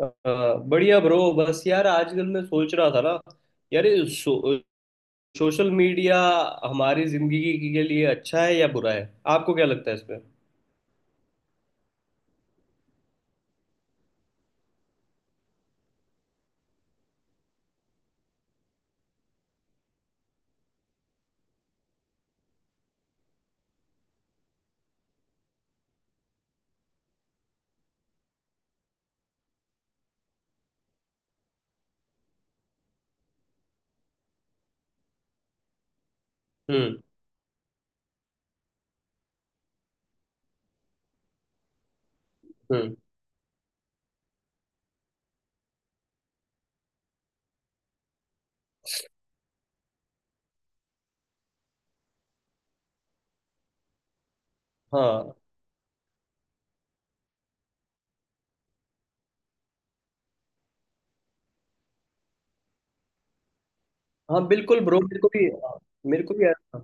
अ, बढ़िया ब्रो। बस यार आजकल मैं सोच रहा था ना। यार ये सोशल मीडिया हमारी जिंदगी के लिए अच्छा है या बुरा है? आपको क्या लगता है इसमें? हम्म। हम्म। हाँ। हाँ बिल्कुल ब्रो, मेरे को भी यार।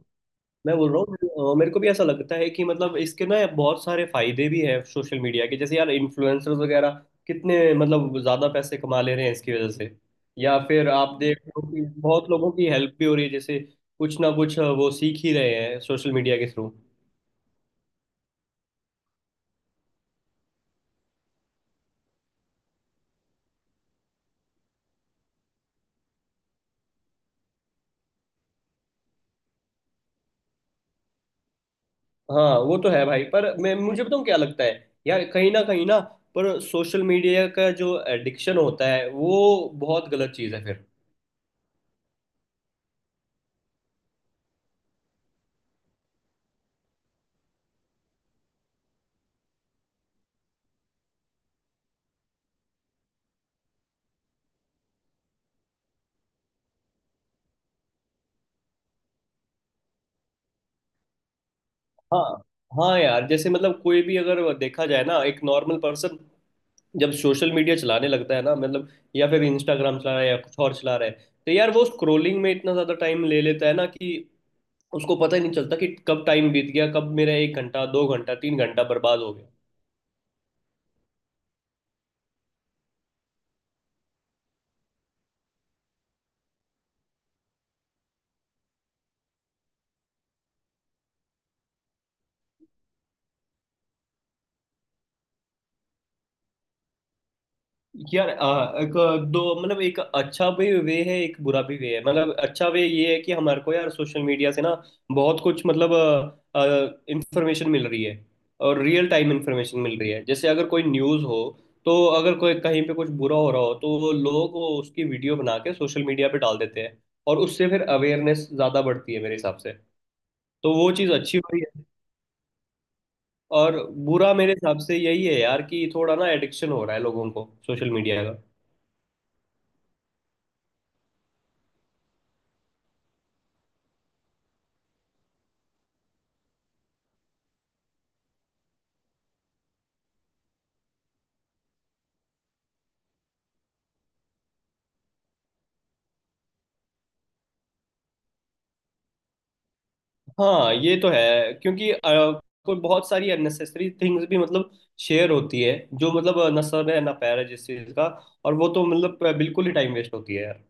मैं बोल रहा हूँ मेरे को भी ऐसा लगता है कि मतलब इसके ना बहुत सारे फायदे भी हैं सोशल मीडिया के, जैसे यार इन्फ्लुएंसर्स वगैरह कितने मतलब ज्यादा पैसे कमा ले रहे हैं इसकी वजह से। या फिर आप देख लो कि बहुत लोगों की हेल्प भी हो रही है, जैसे कुछ ना कुछ वो सीख ही रहे हैं सोशल मीडिया के थ्रू। हाँ वो तो है भाई। पर मैं मुझे बताऊँ क्या लगता है, यार कहीं ना पर सोशल मीडिया का जो एडिक्शन होता है वो बहुत गलत चीज़ है फिर। हाँ। हाँ यार, जैसे मतलब कोई भी अगर देखा जाए ना एक नॉर्मल पर्सन जब सोशल मीडिया चलाने लगता है ना मतलब, या फिर इंस्टाग्राम चला रहा है या कुछ और चला रहा है, तो यार वो स्क्रोलिंग में इतना ज्यादा टाइम ले लेता है ना कि उसको पता ही नहीं चलता कि कब टाइम बीत गया, कब मेरा 1 घंटा 2 घंटा 3 घंटा बर्बाद हो गया। यार एक दो मतलब, एक अच्छा भी वे है एक बुरा भी वे है। मतलब अच्छा वे ये है कि हमारे को यार सोशल मीडिया से ना बहुत कुछ मतलब इंफॉर्मेशन मिल रही है, और रियल टाइम इंफॉर्मेशन मिल रही है। जैसे अगर कोई न्यूज़ हो, तो अगर कोई कहीं पे कुछ बुरा हो रहा हो तो वो लोग वो उसकी वीडियो बना के सोशल मीडिया पे डाल देते हैं, और उससे फिर अवेयरनेस ज़्यादा बढ़ती है मेरे हिसाब से। तो वो चीज़ अच्छी हो रही है। और बुरा मेरे हिसाब से यही है यार, कि थोड़ा ना एडिक्शन हो रहा है लोगों को सोशल मीडिया का। हाँ ये तो है, क्योंकि कोई बहुत सारी अननेसेसरी थिंग्स भी मतलब शेयर होती है, जो मतलब ना सर है ना पैर है जिस चीज का। और वो तो मतलब बिल्कुल ही टाइम वेस्ट होती है यार।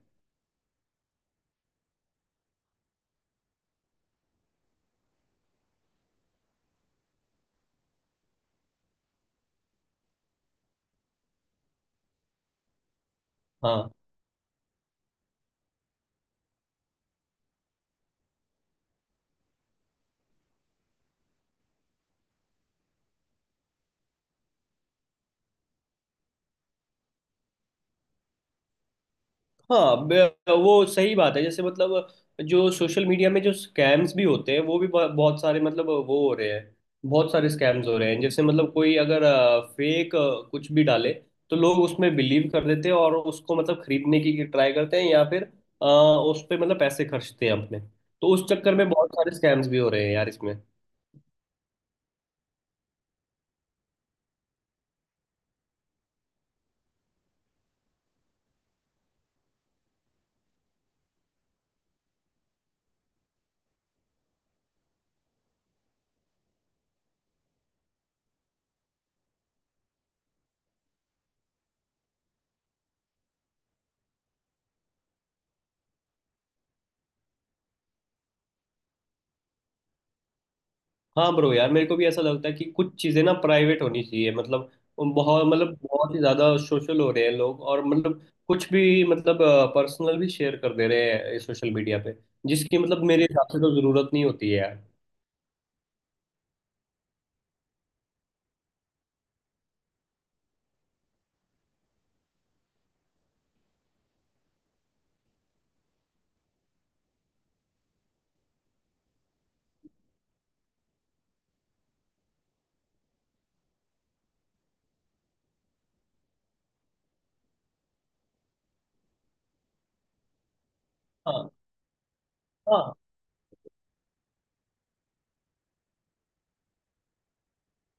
हाँ। हाँ वो सही बात है। जैसे मतलब जो सोशल मीडिया में जो स्कैम्स भी होते हैं वो भी बहुत सारे मतलब वो हो रहे हैं। बहुत सारे स्कैम्स हो रहे हैं, जैसे मतलब कोई अगर फेक कुछ भी डाले तो लोग उसमें बिलीव कर देते हैं और उसको मतलब खरीदने की ट्राई करते हैं, या फिर उस पे मतलब पैसे खर्चते हैं अपने। तो उस चक्कर में बहुत सारे स्कैम्स भी हो रहे हैं यार इसमें। हाँ ब्रो यार मेरे को भी ऐसा लगता है कि कुछ चीज़ें ना प्राइवेट होनी चाहिए मतलब। बहुत मतलब बहुत ही ज़्यादा सोशल हो रहे हैं लोग, और मतलब कुछ भी मतलब पर्सनल भी शेयर कर दे रहे हैं सोशल मीडिया पे। जिसकी मतलब मेरे हिसाब से तो ज़रूरत नहीं होती है यार। हाँ। हाँ।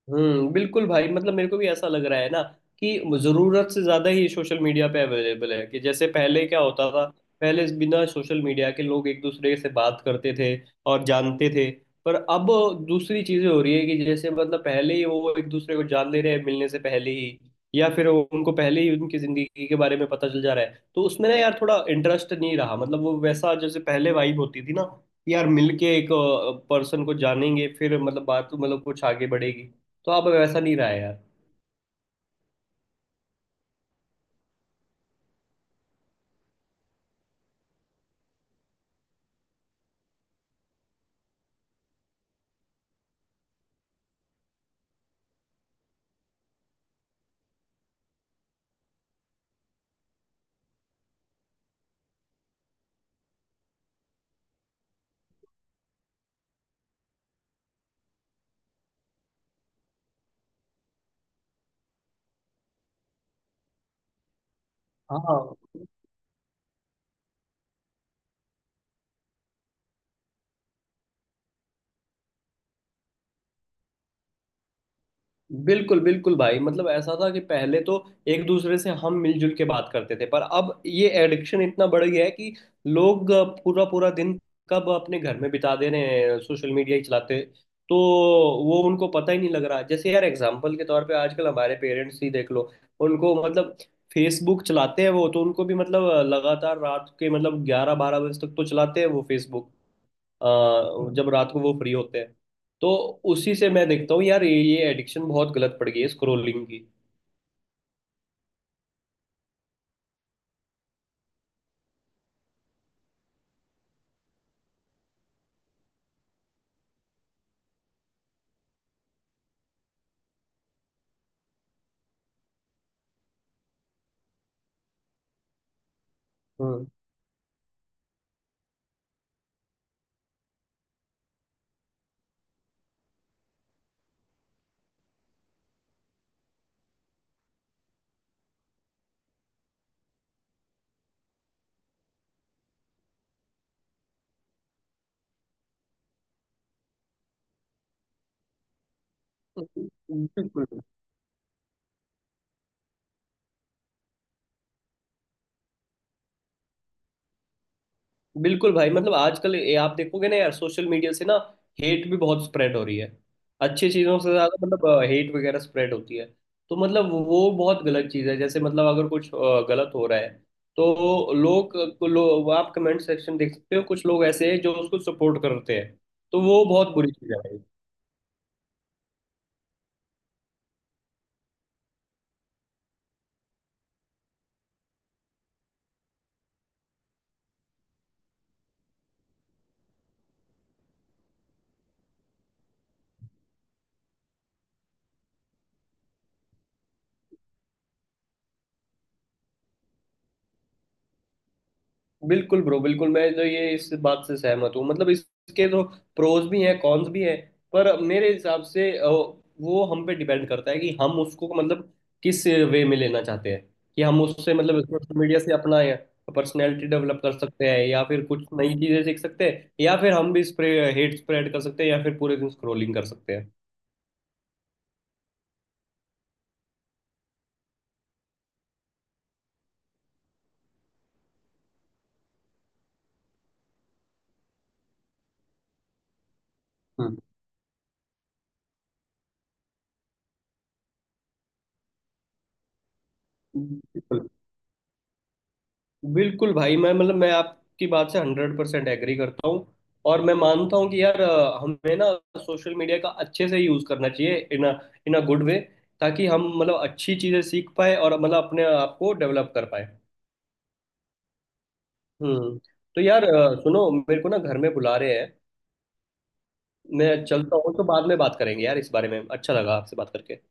बिल्कुल भाई मतलब मेरे को भी ऐसा लग रहा है ना, कि जरूरत से ज्यादा ही सोशल मीडिया पे अवेलेबल है। कि जैसे पहले क्या होता था, पहले बिना सोशल मीडिया के लोग एक दूसरे से बात करते थे और जानते थे। पर अब दूसरी चीजें हो रही है, कि जैसे मतलब पहले ही वो एक दूसरे को जान ले रहे हैं मिलने से पहले ही। या फिर उनको पहले ही उनकी जिंदगी के बारे में पता चल जा रहा है, तो उसमें ना यार थोड़ा इंटरेस्ट नहीं रहा। मतलब वो वैसा जैसे पहले वाइब होती थी ना यार, मिलके एक पर्सन को जानेंगे फिर मतलब बात मतलब कुछ आगे बढ़ेगी। तो अब वैसा नहीं रहा है यार। हाँ। बिल्कुल बिल्कुल भाई मतलब ऐसा था कि पहले तो एक दूसरे से हम मिलजुल के बात करते थे, पर अब ये एडिक्शन इतना बढ़ गया है कि लोग पूरा पूरा दिन कब अपने घर में बिता दे रहे हैं सोशल मीडिया ही चलाते। तो वो उनको पता ही नहीं लग रहा। जैसे यार एग्जाम्पल के तौर पे आजकल हमारे पेरेंट्स ही देख लो, उनको मतलब फेसबुक चलाते हैं वो तो, उनको भी मतलब लगातार रात के मतलब 11 12 बजे तक तो चलाते हैं वो फेसबुक। जब रात को वो फ्री होते हैं, तो उसी से मैं देखता हूँ यार, ये एडिक्शन बहुत गलत पड़ गई है स्क्रोलिंग की। हम्म। बिल्कुल बिल्कुल भाई मतलब आजकल ये आप देखोगे ना यार, सोशल मीडिया से ना हेट भी बहुत स्प्रेड हो रही है। अच्छी चीजों से ज्यादा मतलब हेट वगैरह स्प्रेड होती है। तो मतलब वो बहुत गलत चीज है। जैसे मतलब अगर कुछ गलत हो रहा है तो लोग, आप कमेंट सेक्शन देख सकते हो, कुछ लोग ऐसे हैं जो उसको सपोर्ट करते हैं। तो वो बहुत बुरी चीज है। बिल्कुल ब्रो बिल्कुल, मैं तो ये इस बात से सहमत हूँ। मतलब इसके तो प्रोज भी हैं कॉन्स भी हैं। पर मेरे हिसाब से वो हम पे डिपेंड करता है, कि हम उसको मतलब किस वे में लेना चाहते हैं। कि हम उससे मतलब सोशल मीडिया से अपना पर्सनैलिटी डेवलप कर सकते हैं, या फिर कुछ नई चीजें सीख सकते हैं, या फिर हम भी स्प्रे हेट स्प्रेड कर सकते हैं, या फिर पूरे दिन स्क्रोलिंग कर सकते हैं। हम्म, बिल्कुल बिल्कुल भाई। मैं मतलब मैं आपकी बात से 100% एग्री करता हूँ, और मैं मानता हूँ कि यार हमें ना सोशल मीडिया का अच्छे से यूज़ करना चाहिए, इन अ गुड वे, ताकि हम मतलब अच्छी चीज़ें सीख पाए और मतलब अपने आप को डेवलप कर पाए। हम्म। तो यार सुनो मेरे को ना घर में बुला रहे हैं। मैं चलता हूँ, तो बाद में बात करेंगे यार इस बारे में। अच्छा लगा आपसे बात करके।